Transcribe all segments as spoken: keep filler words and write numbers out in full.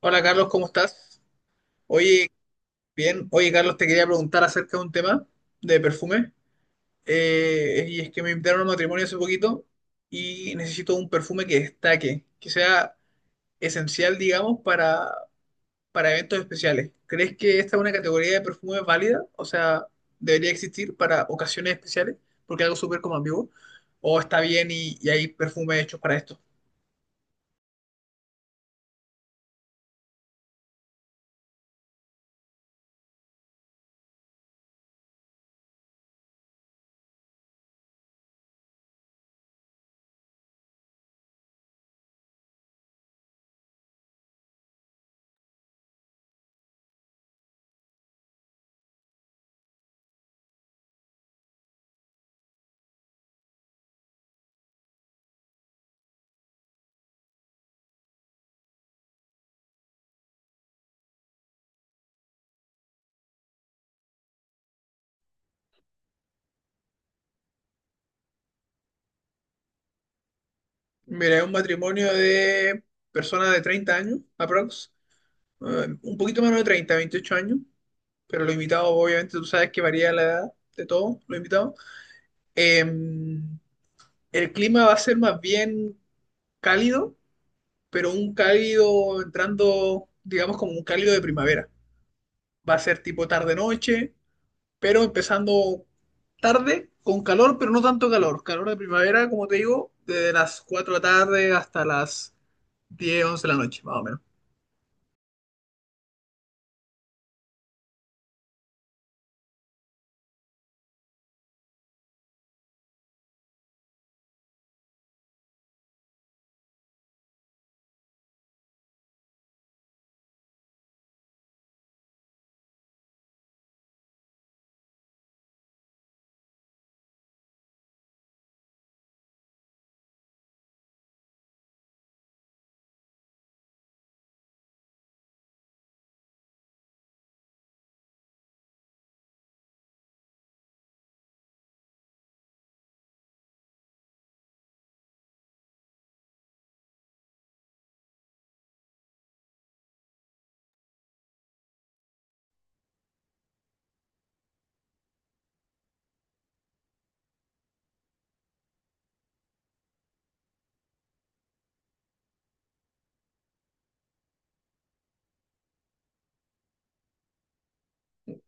Hola Carlos, ¿cómo estás? Oye, bien. Oye Carlos, te quería preguntar acerca de un tema de perfume. Eh, y es que me invitaron a un matrimonio hace poquito y necesito un perfume que destaque, que sea esencial, digamos, para, para eventos especiales. ¿Crees que esta es una categoría de perfume válida? O sea, ¿debería existir para ocasiones especiales? Porque es algo súper como ambiguo. ¿O está bien y, y hay perfumes hechos para esto? Mira, es un matrimonio de personas de treinta años, aprox eh, un poquito menos de treinta, veintiocho años, pero los invitados, obviamente, tú sabes que varía la edad de todos los invitados. Eh, el clima va a ser más bien cálido, pero un cálido entrando, digamos, como un cálido de primavera. Va a ser tipo tarde-noche, pero empezando tarde con calor, pero no tanto calor. Calor de primavera, como te digo, desde las cuatro de la tarde hasta las diez, once de la noche, más o menos.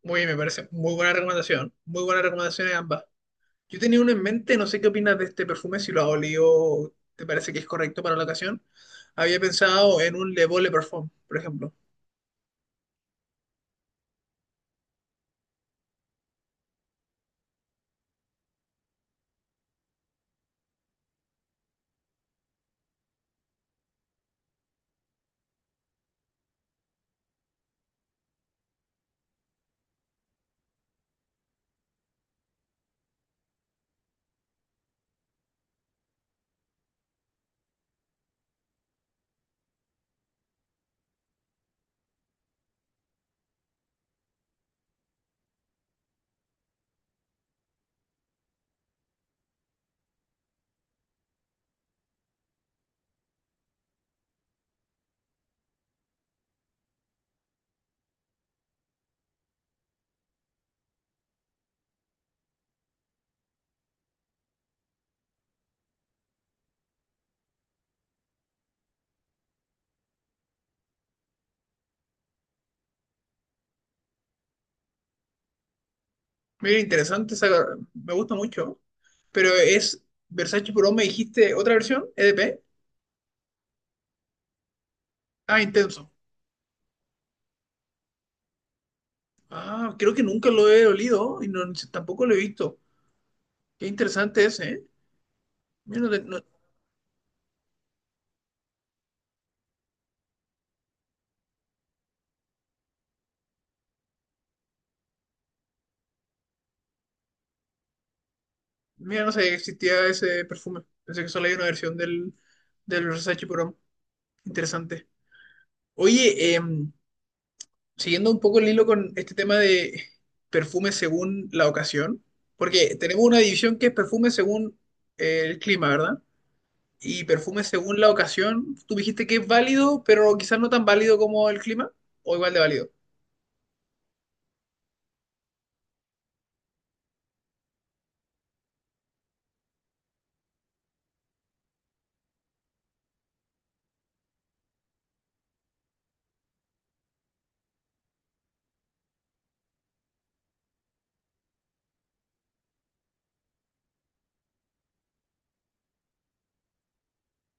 Muy bien, me parece muy buena recomendación. Muy buenas recomendaciones ambas. Yo tenía uno en mente, no sé qué opinas de este perfume, si lo has olido, ¿te parece que es correcto para la ocasión? Había pensado en un Le Beau Le Parfum, por ejemplo. Mira, interesante, esa- me gusta mucho, pero es Versace Pro, me dijiste otra versión, E D P. Ah, intenso. Ah, creo que nunca lo he olido y no- tampoco lo he visto. Qué interesante ese, ¿eh? Mira, no, te- no- mira, no sabía que existía ese perfume. Pensé que solo hay una versión del, del Versace Pro. Interesante. Oye, eh, siguiendo un poco el hilo con este tema de perfumes según la ocasión, porque tenemos una división que es perfume según eh, el clima, ¿verdad? Y perfume según la ocasión, tú dijiste que es válido, pero quizás no tan válido como el clima, o igual de válido.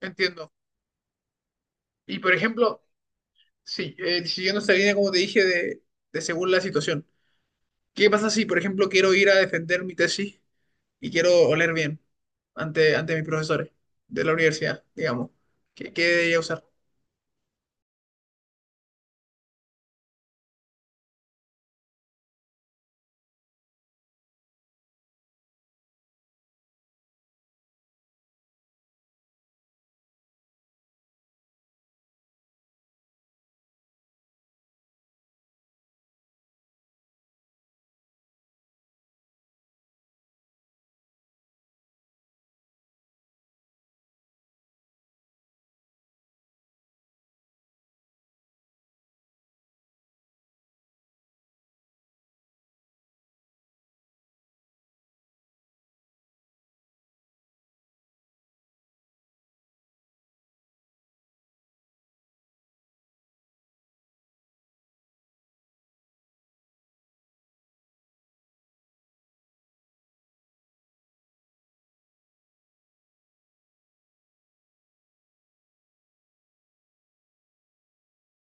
Entiendo. Y por ejemplo, sí, eh, siguiendo esta línea, como te dije, de, de según la situación. ¿Qué pasa si, por ejemplo, quiero ir a defender mi tesis y quiero oler bien ante, ante mis profesores de la universidad, digamos? ¿Qué, qué debería usar?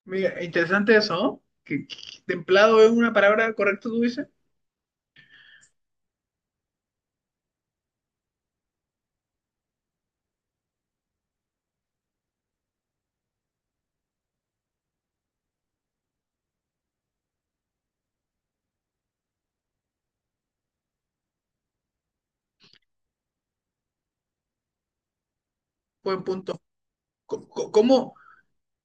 Mira, interesante eso, ¿no? Que, que- templado es una palabra correcta, tú dices. Buen punto. Co- co- ¿Cómo,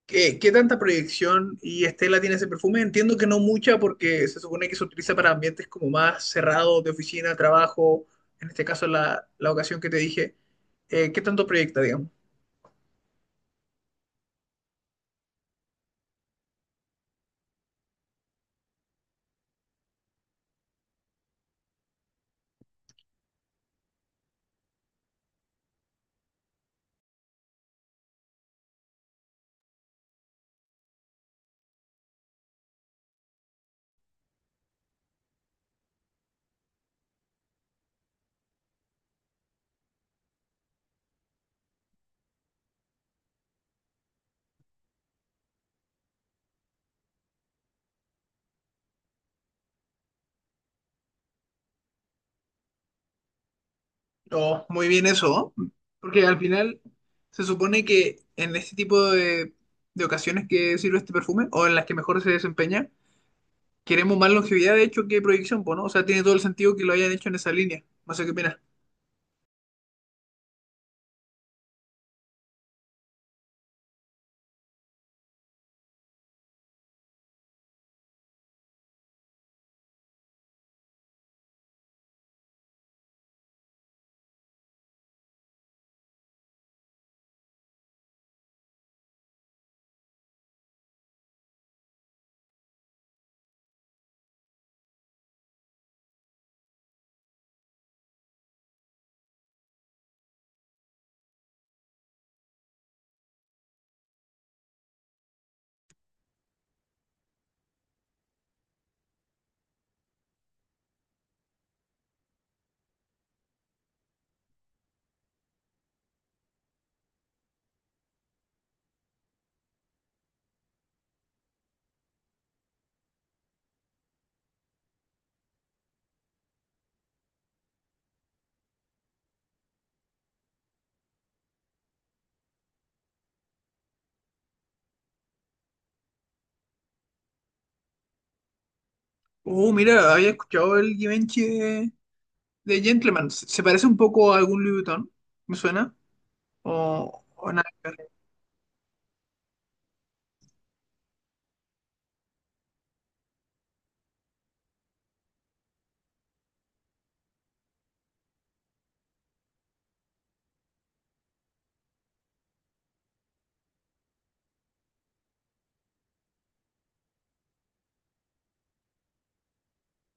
qué, qué tanta proyección y estela tiene ese perfume? Entiendo que no mucha porque se supone que se utiliza para ambientes como más cerrados de oficina, trabajo, en este caso la, la ocasión que te dije. Eh, ¿qué tanto proyecta, digamos? Oh, muy bien eso, ¿no? Porque al final se supone que en este tipo de, de ocasiones que sirve este perfume o en las que mejor se desempeña, queremos más longevidad, de hecho, que proyección, pues, ¿no? O sea, tiene todo el sentido que lo hayan hecho en esa línea. No sé qué opinas. Oh, mira, había escuchado el Givenchy de, de Gentleman. ¿Se se parece un poco a algún Louis Vuitton? ¿Me suena? O, o nada que ver.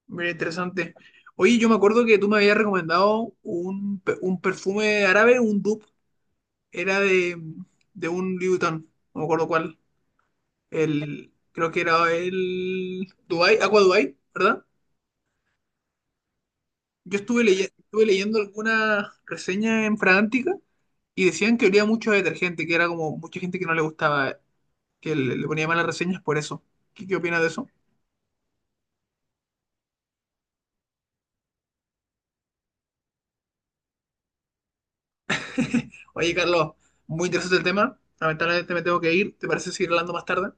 Mira, interesante. Oye, yo me acuerdo que tú me habías recomendado un, pe- un perfume árabe, un dupe. Era de, de un Louis Vuitton. No me acuerdo cuál. El, creo que era el Dubai, Aqua Dubai, ¿verdad? Yo estuve, leye- estuve leyendo algunas reseñas en Fragántica y decían que olía mucho a detergente, que era como mucha gente que no le gustaba, que le, le ponía malas reseñas por eso. ¿Qué, qué opinas de eso? Oye, Carlos, muy interesante el tema. Lamentablemente me tengo que ir. ¿Te parece seguir hablando más tarde?